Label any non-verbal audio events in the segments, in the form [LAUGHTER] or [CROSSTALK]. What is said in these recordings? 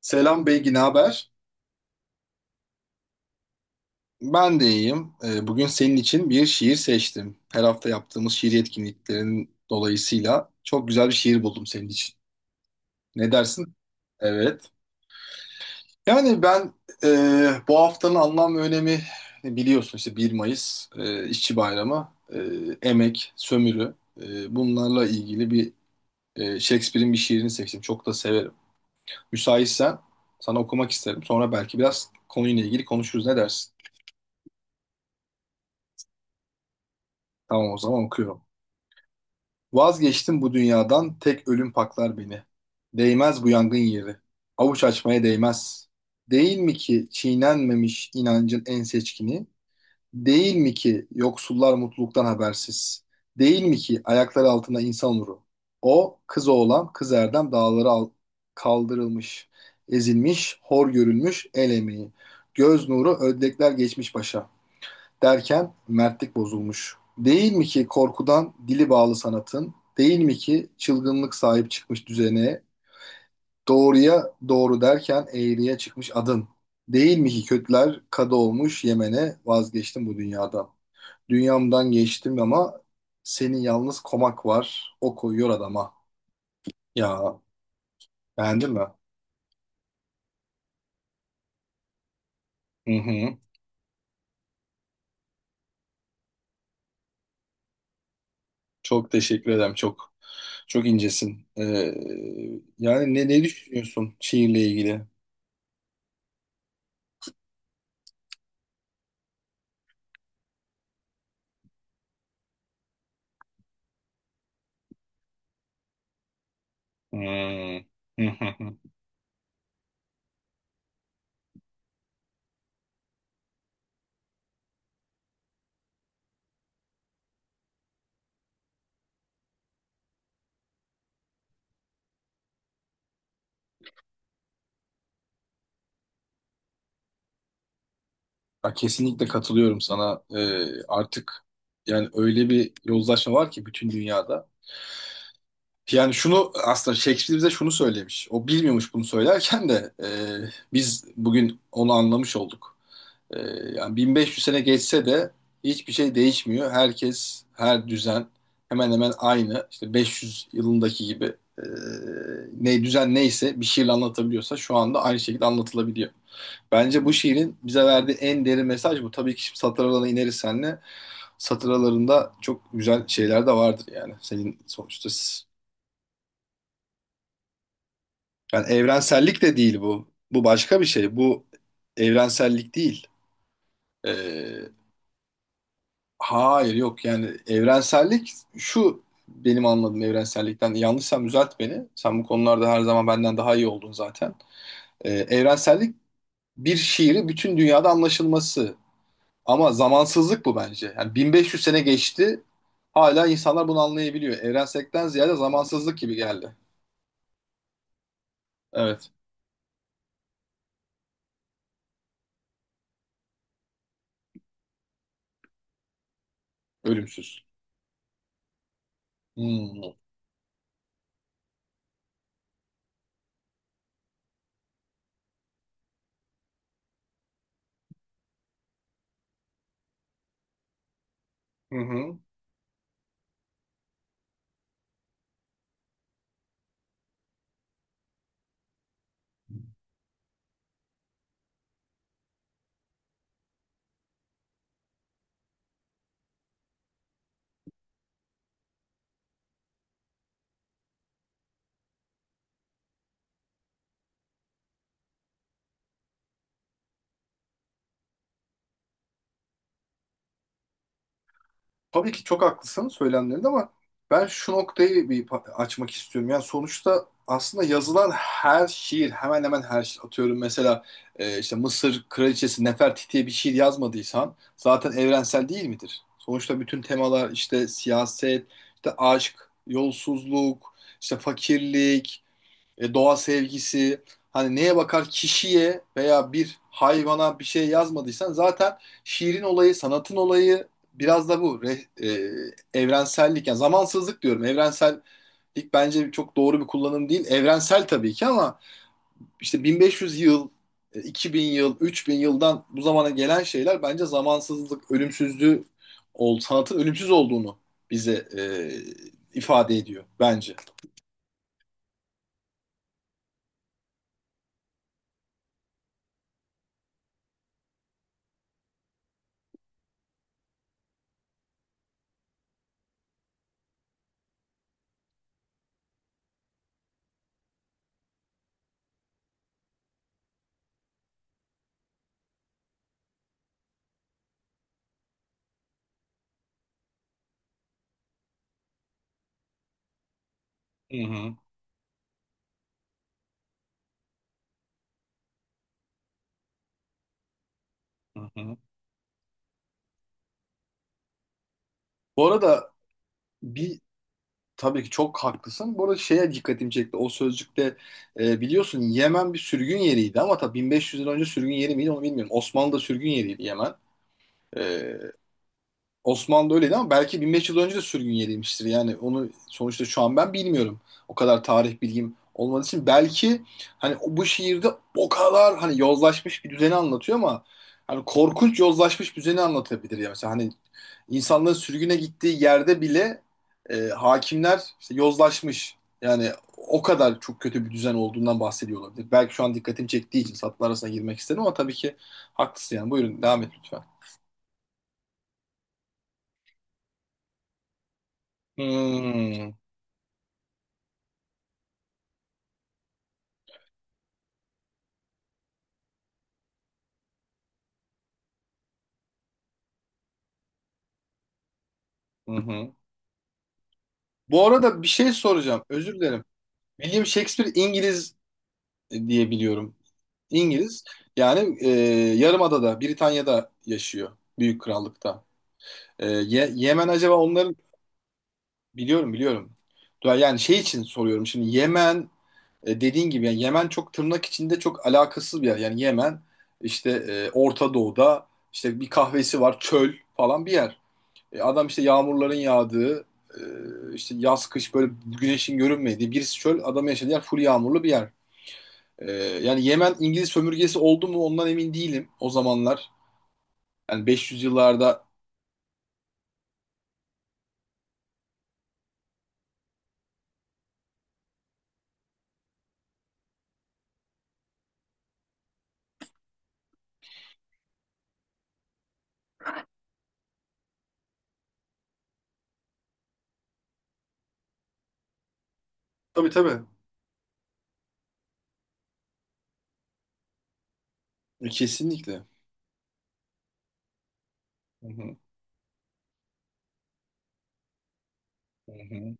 Selam Beygi, ne haber? Ben de iyiyim. Bugün senin için bir şiir seçtim. Her hafta yaptığımız şiir etkinliklerin dolayısıyla çok güzel bir şiir buldum senin için. Ne dersin? Evet. Yani ben e, bu haftanın anlam ve önemi biliyorsun işte 1 Mayıs İşçi Bayramı, emek, sömürü bunlarla ilgili bir Shakespeare'in bir şiirini seçtim. Çok da severim. Müsaitsen sana okumak isterim. Sonra belki biraz konuyla ilgili konuşuruz. Ne dersin? Tamam o zaman okuyorum. Vazgeçtim bu dünyadan, tek ölüm paklar beni. Değmez bu yangın yeri, avuç açmaya değmez. Değil mi ki çiğnenmemiş inancın en seçkini? Değil mi ki yoksullar mutluluktan habersiz? Değil mi ki ayakları altında insan nuru? O, kız oğlan, kız erdem dağlara kaldırılmış, ezilmiş, hor görülmüş el emeği. Göz nuru ödlekler geçmiş başa derken mertlik bozulmuş. Değil mi ki korkudan dili bağlı sanatın, değil mi ki çılgınlık sahip çıkmış düzene, doğruya doğru derken eğriye çıkmış adın. Değil mi ki kötüler kadı olmuş Yemen'e vazgeçtim bu dünyadan. Dünyamdan geçtim ama senin yalnız komak var, o koyuyor adama. Ya beğendin mi? Hı hı. Çok teşekkür ederim, çok. Çok incesin. Yani ne düşünüyorsun şiirle ilgili? Hmm. [LAUGHS] Ya kesinlikle katılıyorum sana. Artık yani öyle bir yozlaşma var ki bütün dünyada. Yani şunu aslında Shakespeare bize şunu söylemiş. O bilmiyormuş bunu söylerken de biz bugün onu anlamış olduk. E, yani 1500 sene geçse de hiçbir şey değişmiyor. Herkes, her düzen hemen hemen aynı. İşte 500 yılındaki gibi e, ne düzen neyse bir şiirle anlatabiliyorsa şu anda aynı şekilde anlatılabiliyor. Bence bu şiirin bize verdiği en derin mesaj bu. Tabii ki şimdi satır aralarına ineriz seninle. Satır aralarında çok güzel şeyler de vardır yani. Senin sonuçta yani evrensellik de değil bu. Bu başka bir şey. Bu evrensellik değil. Ee, hayır yok yani evrensellik şu benim anladığım evrensellikten. Yanlışsam düzelt beni. Sen bu konularda her zaman benden daha iyi oldun zaten. Evrensellik bir şiiri bütün dünyada anlaşılması. Ama zamansızlık bu bence. Yani 1500 sene geçti. Hala insanlar bunu anlayabiliyor. Evrensellikten ziyade zamansızlık gibi geldi. Evet. Ölümsüz. Hmm. Hı hı. Tabii ki çok haklısın söylemlerinde ama ben şu noktayı bir açmak istiyorum. Yani sonuçta aslında yazılan her şiir, hemen hemen her şiir atıyorum. Mesela işte Mısır Kraliçesi Nefertiti'ye bir şiir yazmadıysan zaten evrensel değil midir? Sonuçta bütün temalar işte siyaset, işte aşk, yolsuzluk, işte fakirlik, doğa sevgisi hani neye bakar kişiye veya bir hayvana bir şey yazmadıysan zaten şiirin olayı, sanatın olayı biraz da bu evrensellik yani zamansızlık diyorum. Evrensellik bence çok doğru bir kullanım değil. Evrensel tabii ki ama işte 1500 yıl, 2000 yıl, 3000 yıldan bu zamana gelen şeyler bence zamansızlık, ölümsüzlüğü sanatın ölümsüz olduğunu bize ifade ediyor bence. Hı hı, hı hı. Bu arada Bir tabii ki çok haklısın. Bu arada şeye dikkatimi çekti. O sözcükte biliyorsun Yemen bir sürgün yeriydi ama tabii 1500 yıl önce sürgün yeri miydi onu bilmiyorum. Osmanlı'da sürgün yeriydi Yemen. E, Osmanlı öyleydi ama belki 1500 yıl önce de sürgün yeriymiştir. Yani onu sonuçta şu an ben bilmiyorum. O kadar tarih bilgim olmadığı için belki hani bu şiirde o kadar hani yozlaşmış bir düzeni anlatıyor ama hani korkunç yozlaşmış bir düzeni anlatabilir ya. Mesela hani insanların sürgüne gittiği yerde bile hakimler işte yozlaşmış. Yani o kadar çok kötü bir düzen olduğundan bahsediyor olabilir. Belki şu an dikkatimi çektiği için satır arasına girmek istedim ama tabii ki haklısın yani. Buyurun devam et lütfen. Hmm. Hı hı. Bu arada bir şey soracağım. Özür dilerim. William Shakespeare İngiliz diye biliyorum. İngiliz. Yani Yarımada'da, Britanya'da yaşıyor. Büyük Krallık'ta. Yemen acaba onların... Biliyorum, biliyorum. Yani şey için soruyorum. Şimdi Yemen dediğin gibi yani Yemen çok tırnak içinde çok alakasız bir yer. Yani Yemen işte Orta Doğu'da işte bir kahvesi var, çöl falan bir yer. Adam işte yağmurların yağdığı, işte yaz kış böyle güneşin görünmediği birisi çöl, adam yaşadığı yer full yağmurlu bir yer. Yani Yemen İngiliz sömürgesi oldu mu ondan emin değilim o zamanlar. Yani 500 yıllarda. Tabii tabii. Kesinlikle. Hı hı. Hı hı.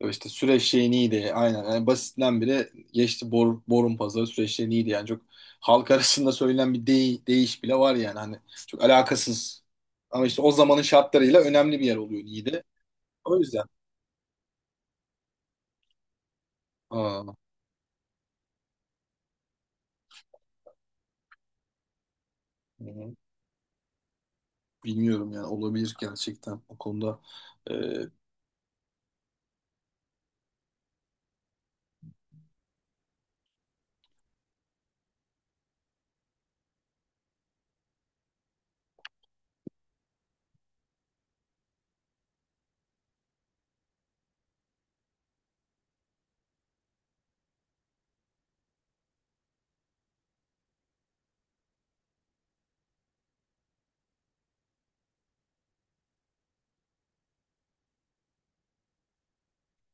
İşte süreç şeyi neydi? Aynen. Yani basitinden bile geçti borun pazarı Süveyş şeyi neydi? Yani çok halk [LAUGHS] arasında söylenen bir deyiş bile var yani. Hani çok alakasız. Ama işte o zamanın şartlarıyla önemli bir yer oluyor Niğde. O yüzden. Hı-hı. Bilmiyorum yani olabilir gerçekten o konuda. Ee,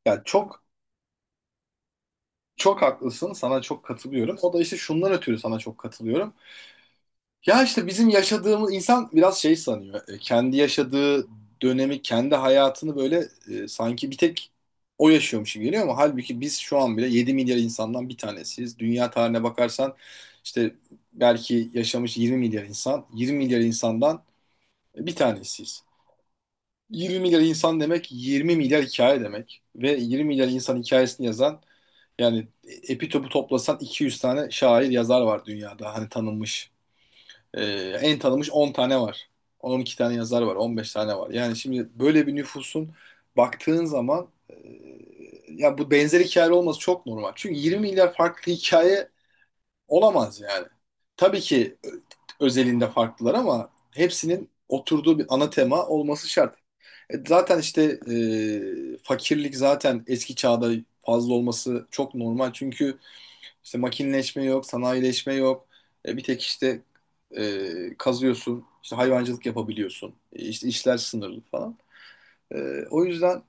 yani çok çok haklısın. Sana çok katılıyorum. O da işte şundan ötürü sana çok katılıyorum. Ya işte bizim yaşadığımız insan biraz şey sanıyor. Kendi yaşadığı dönemi, kendi hayatını böyle sanki bir tek o yaşıyormuş gibi geliyor ama halbuki biz şu an bile 7 milyar insandan bir tanesiyiz. Dünya tarihine bakarsan işte belki yaşamış 20 milyar insan, 20 milyar insandan bir tanesiyiz. 20 milyar insan demek 20 milyar hikaye demek. Ve 20 milyar insan hikayesini yazan yani epi topu toplasan 200 tane şair yazar var dünyada. Hani tanınmış. Ee, en tanınmış 10 tane var. 12 tane yazar var. 15 tane var. Yani şimdi böyle bir nüfusun baktığın zaman ya bu benzer hikaye olması çok normal. Çünkü 20 milyar farklı hikaye olamaz yani. Tabii ki özelinde farklılar ama hepsinin oturduğu bir ana tema olması şart. Zaten işte fakirlik zaten eski çağda fazla olması çok normal. Çünkü işte makineleşme yok, sanayileşme yok. Bir tek işte kazıyorsun, işte hayvancılık yapabiliyorsun. E, işte işler sınırlı falan. O yüzden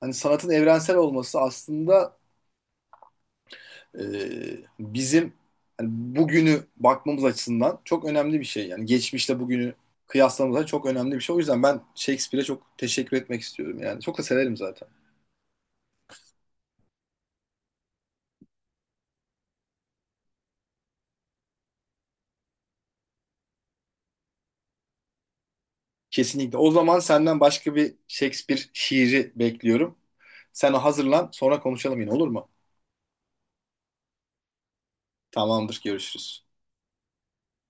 hani sanatın evrensel olması aslında e, bizim hani bugünü bakmamız açısından çok önemli bir şey. Yani geçmişte bugünü kıyaslamamız çok önemli bir şey. O yüzden ben Shakespeare'e çok teşekkür etmek istiyorum. Yani çok da severim zaten. Kesinlikle. O zaman senden başka bir Shakespeare şiiri bekliyorum. Sen hazırlan sonra konuşalım yine olur mu? Tamamdır görüşürüz.